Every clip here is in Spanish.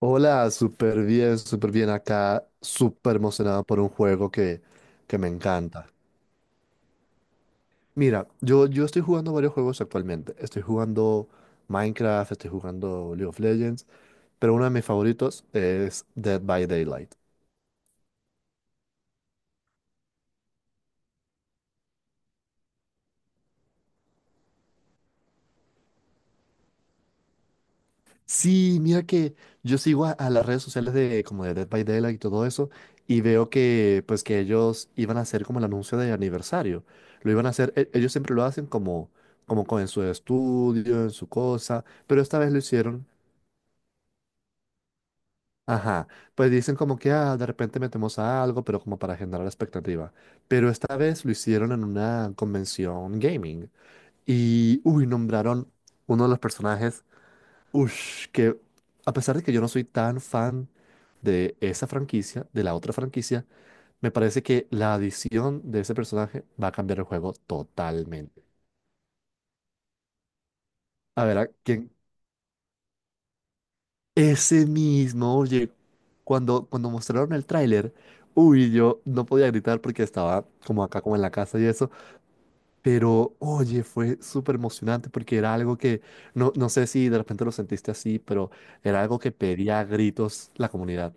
Hola, súper bien acá, súper emocionado por un juego que me encanta. Mira, yo estoy jugando varios juegos actualmente. Estoy jugando Minecraft, estoy jugando League of Legends, pero uno de mis favoritos es Dead by Daylight. Sí, mira que yo sigo a las redes sociales de como de Dead by Daylight y todo eso y veo que pues que ellos iban a hacer como el anuncio de aniversario. Lo iban a hacer, ellos siempre lo hacen como con en su estudio, en su cosa, pero esta vez lo hicieron, ajá, pues dicen como que ah, de repente metemos a algo, pero como para generar expectativa. Pero esta vez lo hicieron en una convención gaming y uy, nombraron uno de los personajes. Ush, que a pesar de que yo no soy tan fan de esa franquicia, de la otra franquicia, me parece que la adición de ese personaje va a cambiar el juego totalmente. A ver, ¿a quién? Ese mismo, oye, cuando mostraron el tráiler, uy, yo no podía gritar porque estaba como acá, como en la casa y eso, pero oye, fue súper emocionante porque era algo que, no sé si de repente lo sentiste así, pero era algo que pedía a gritos la comunidad.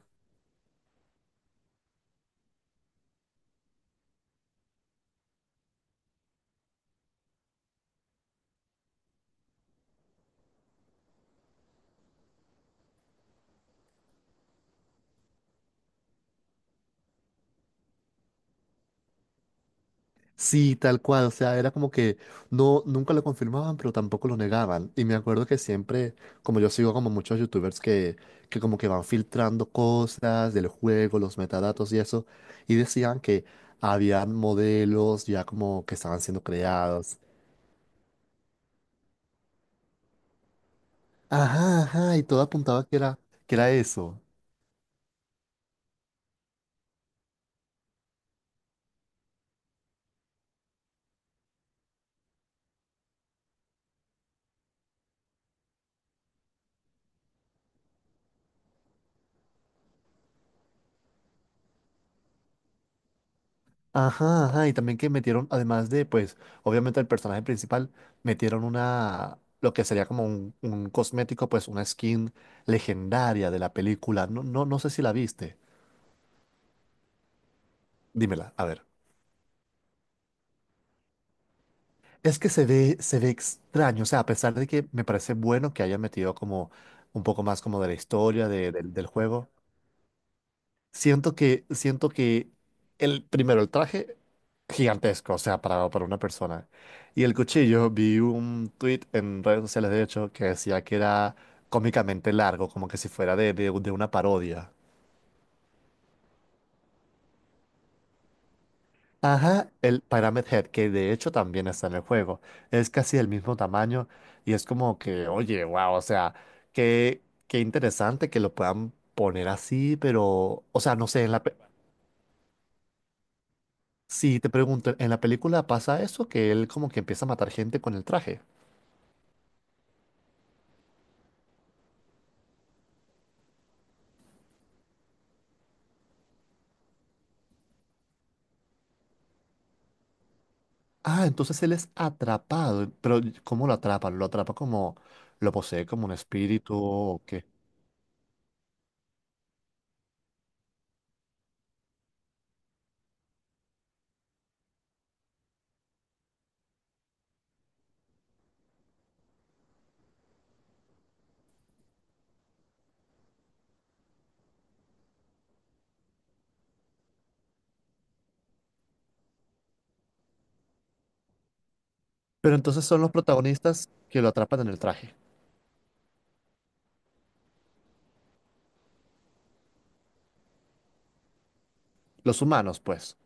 Sí, tal cual, o sea, era como que no, nunca lo confirmaban, pero tampoco lo negaban. Y me acuerdo que siempre, como yo sigo como muchos youtubers que como que van filtrando cosas del juego, los metadatos y eso, y decían que había modelos ya como que estaban siendo creados. Ajá, ajá, y todo apuntaba que era eso. Ajá, ajá, y también que metieron, además de, pues, obviamente el personaje principal, metieron una, lo que sería como un cosmético, pues, una skin legendaria de la película. No, no sé si la viste. Dímela, a ver. Es que se ve extraño, o sea, a pesar de que me parece bueno que hayan metido como un poco más como de la historia del juego. Siento que el primero, el traje gigantesco, o sea, para una persona. Y el cuchillo, vi un tweet en redes sociales, de hecho, que decía que era cómicamente largo, como que si fuera de una parodia. Ajá, el Pyramid Head, que de hecho también está en el juego, es casi del mismo tamaño y es como que, oye, wow, o sea, qué, qué interesante que lo puedan poner así, pero, o sea, no sé, en la, sí, te pregunto, en la película pasa eso, que él como que empieza a matar gente con el traje. Ah, entonces él es atrapado, pero ¿cómo lo atrapa? ¿Lo atrapa como, lo posee como un espíritu o qué? Pero entonces son los protagonistas que lo atrapan en el traje, los humanos, pues.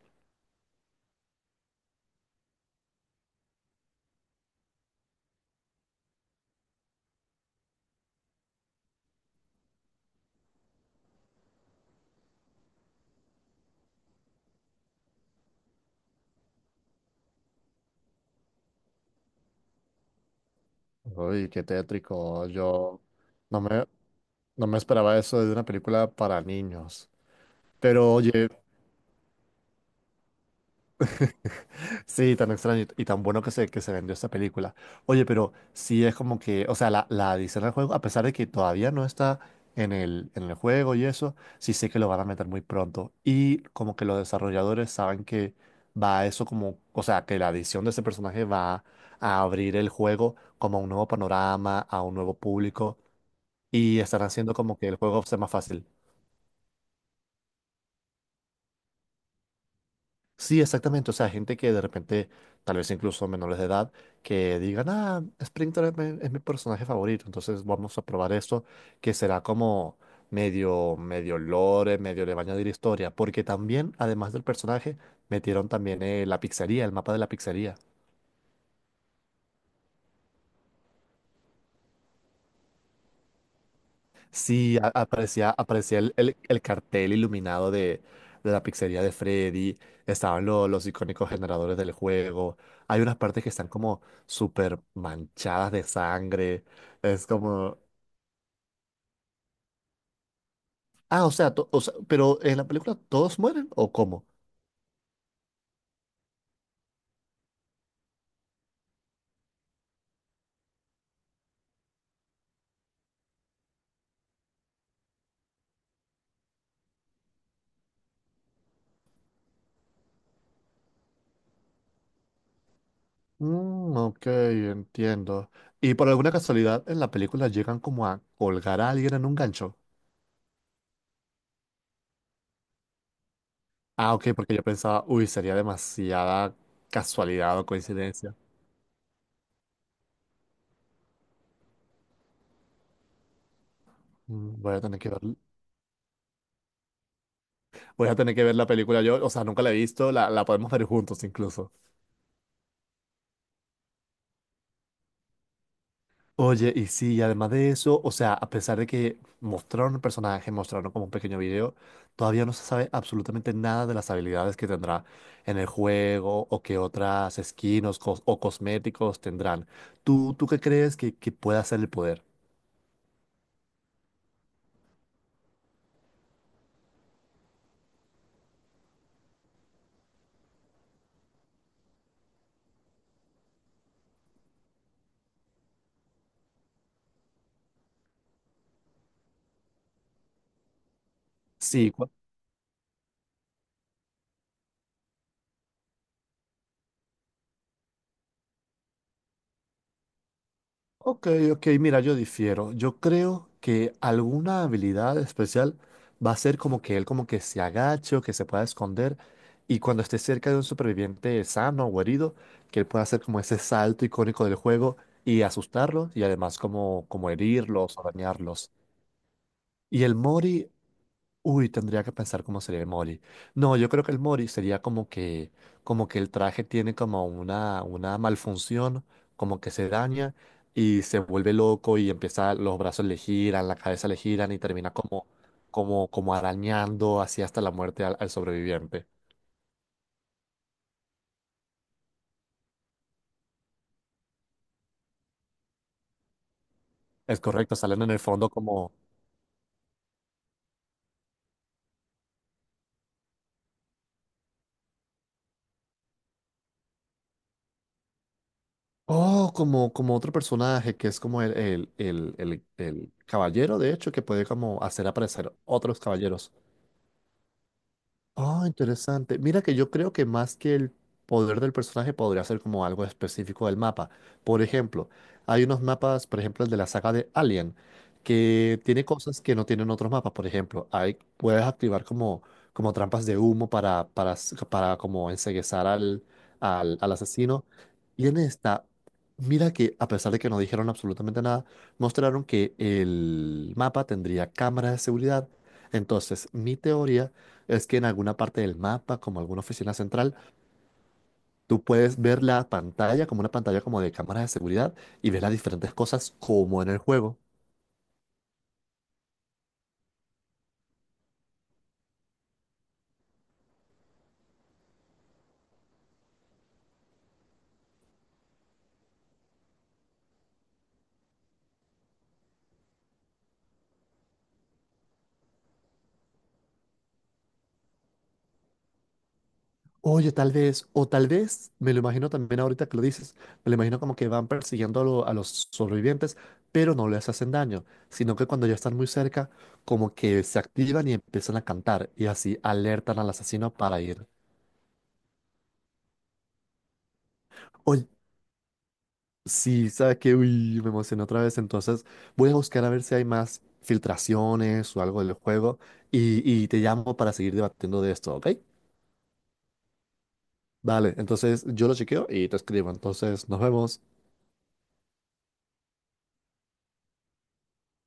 Uy, qué tétrico, yo no me, no me esperaba eso de una película para niños. Pero oye, sí, tan extraño y tan bueno que se vendió esta película. Oye, pero sí es como que, o sea, la adición al juego, a pesar de que todavía no está en el juego y eso, sí sé que lo van a meter muy pronto. Y como que los desarrolladores saben que va eso como, o sea, que la adición de ese personaje va a abrir el juego como a un nuevo panorama, a un nuevo público, y están haciendo como que el juego sea más fácil. Sí, exactamente. O sea, gente que de repente, tal vez incluso menores de edad, que digan, ah, Splinter es mi personaje favorito, entonces vamos a probar esto, que será como medio, medio lore, medio le van a añadir historia, porque también, además del personaje, metieron también la pizzería, el mapa de la pizzería. Sí, aparecía, aparecía el, el cartel iluminado de la pizzería de Freddy, estaban los icónicos generadores del juego, hay unas partes que están como súper manchadas de sangre, es como... Ah, o sea, o sea, pero en la película, ¿todos mueren o cómo? Mm, ok, entiendo. Y por alguna casualidad en la película llegan como a colgar a alguien en un gancho. Ah, ok, porque yo pensaba, uy, sería demasiada casualidad o coincidencia. Mm, voy a tener que ver. Voy a tener que ver la película yo, o sea, nunca la he visto, la podemos ver juntos incluso. Oye, y sí, y además de eso, o sea, a pesar de que mostraron el personaje, mostraron como un pequeño video, todavía no se sabe absolutamente nada de las habilidades que tendrá en el juego o qué otras skins o, o cosméticos tendrán. ¿Tú qué crees que pueda ser el poder? Sí, ok, ok, mira, yo difiero. Yo creo que alguna habilidad especial va a ser como que él como que se agache o que se pueda esconder y cuando esté cerca de un superviviente sano o herido, que él pueda hacer como ese salto icónico del juego y asustarlos y además como, como herirlos o dañarlos. Y el Mori, uy, tendría que pensar cómo sería el Mori. No, yo creo que el Mori sería como que el traje tiene como una malfunción, como que se daña y se vuelve loco y empieza, los brazos le giran, la cabeza le giran y termina como, como, como arañando así hasta la muerte al, al sobreviviente. Es correcto, salen en el fondo como, oh, como, como otro personaje que es como el caballero, de hecho, que puede como hacer aparecer otros caballeros. Ah, interesante. Mira que yo creo que más que el poder del personaje podría ser como algo específico del mapa. Por ejemplo, hay unos mapas, por ejemplo, el de la saga de Alien, que tiene cosas que no tienen otros mapas. Por ejemplo, hay, puedes activar como, como trampas de humo para, para como enceguezar al, al asesino. Y en esta, mira que a pesar de que no dijeron absolutamente nada, mostraron que el mapa tendría cámaras de seguridad. Entonces, mi teoría es que en alguna parte del mapa, como alguna oficina central, tú puedes ver la pantalla como una pantalla como de cámaras de seguridad y ver las diferentes cosas como en el juego. Oye, tal vez, o tal vez, me lo imagino también ahorita que lo dices, me lo imagino como que van persiguiendo a, a los sobrevivientes, pero no les hacen daño, sino que cuando ya están muy cerca, como que se activan y empiezan a cantar y así alertan al asesino para ir. Oye, sí, sabes que, uy, me emocioné otra vez. Entonces, voy a buscar a ver si hay más filtraciones o algo del juego y te llamo para seguir debatiendo de esto, ¿ok? Vale, entonces yo lo chequeo y te escribo. Entonces, nos vemos.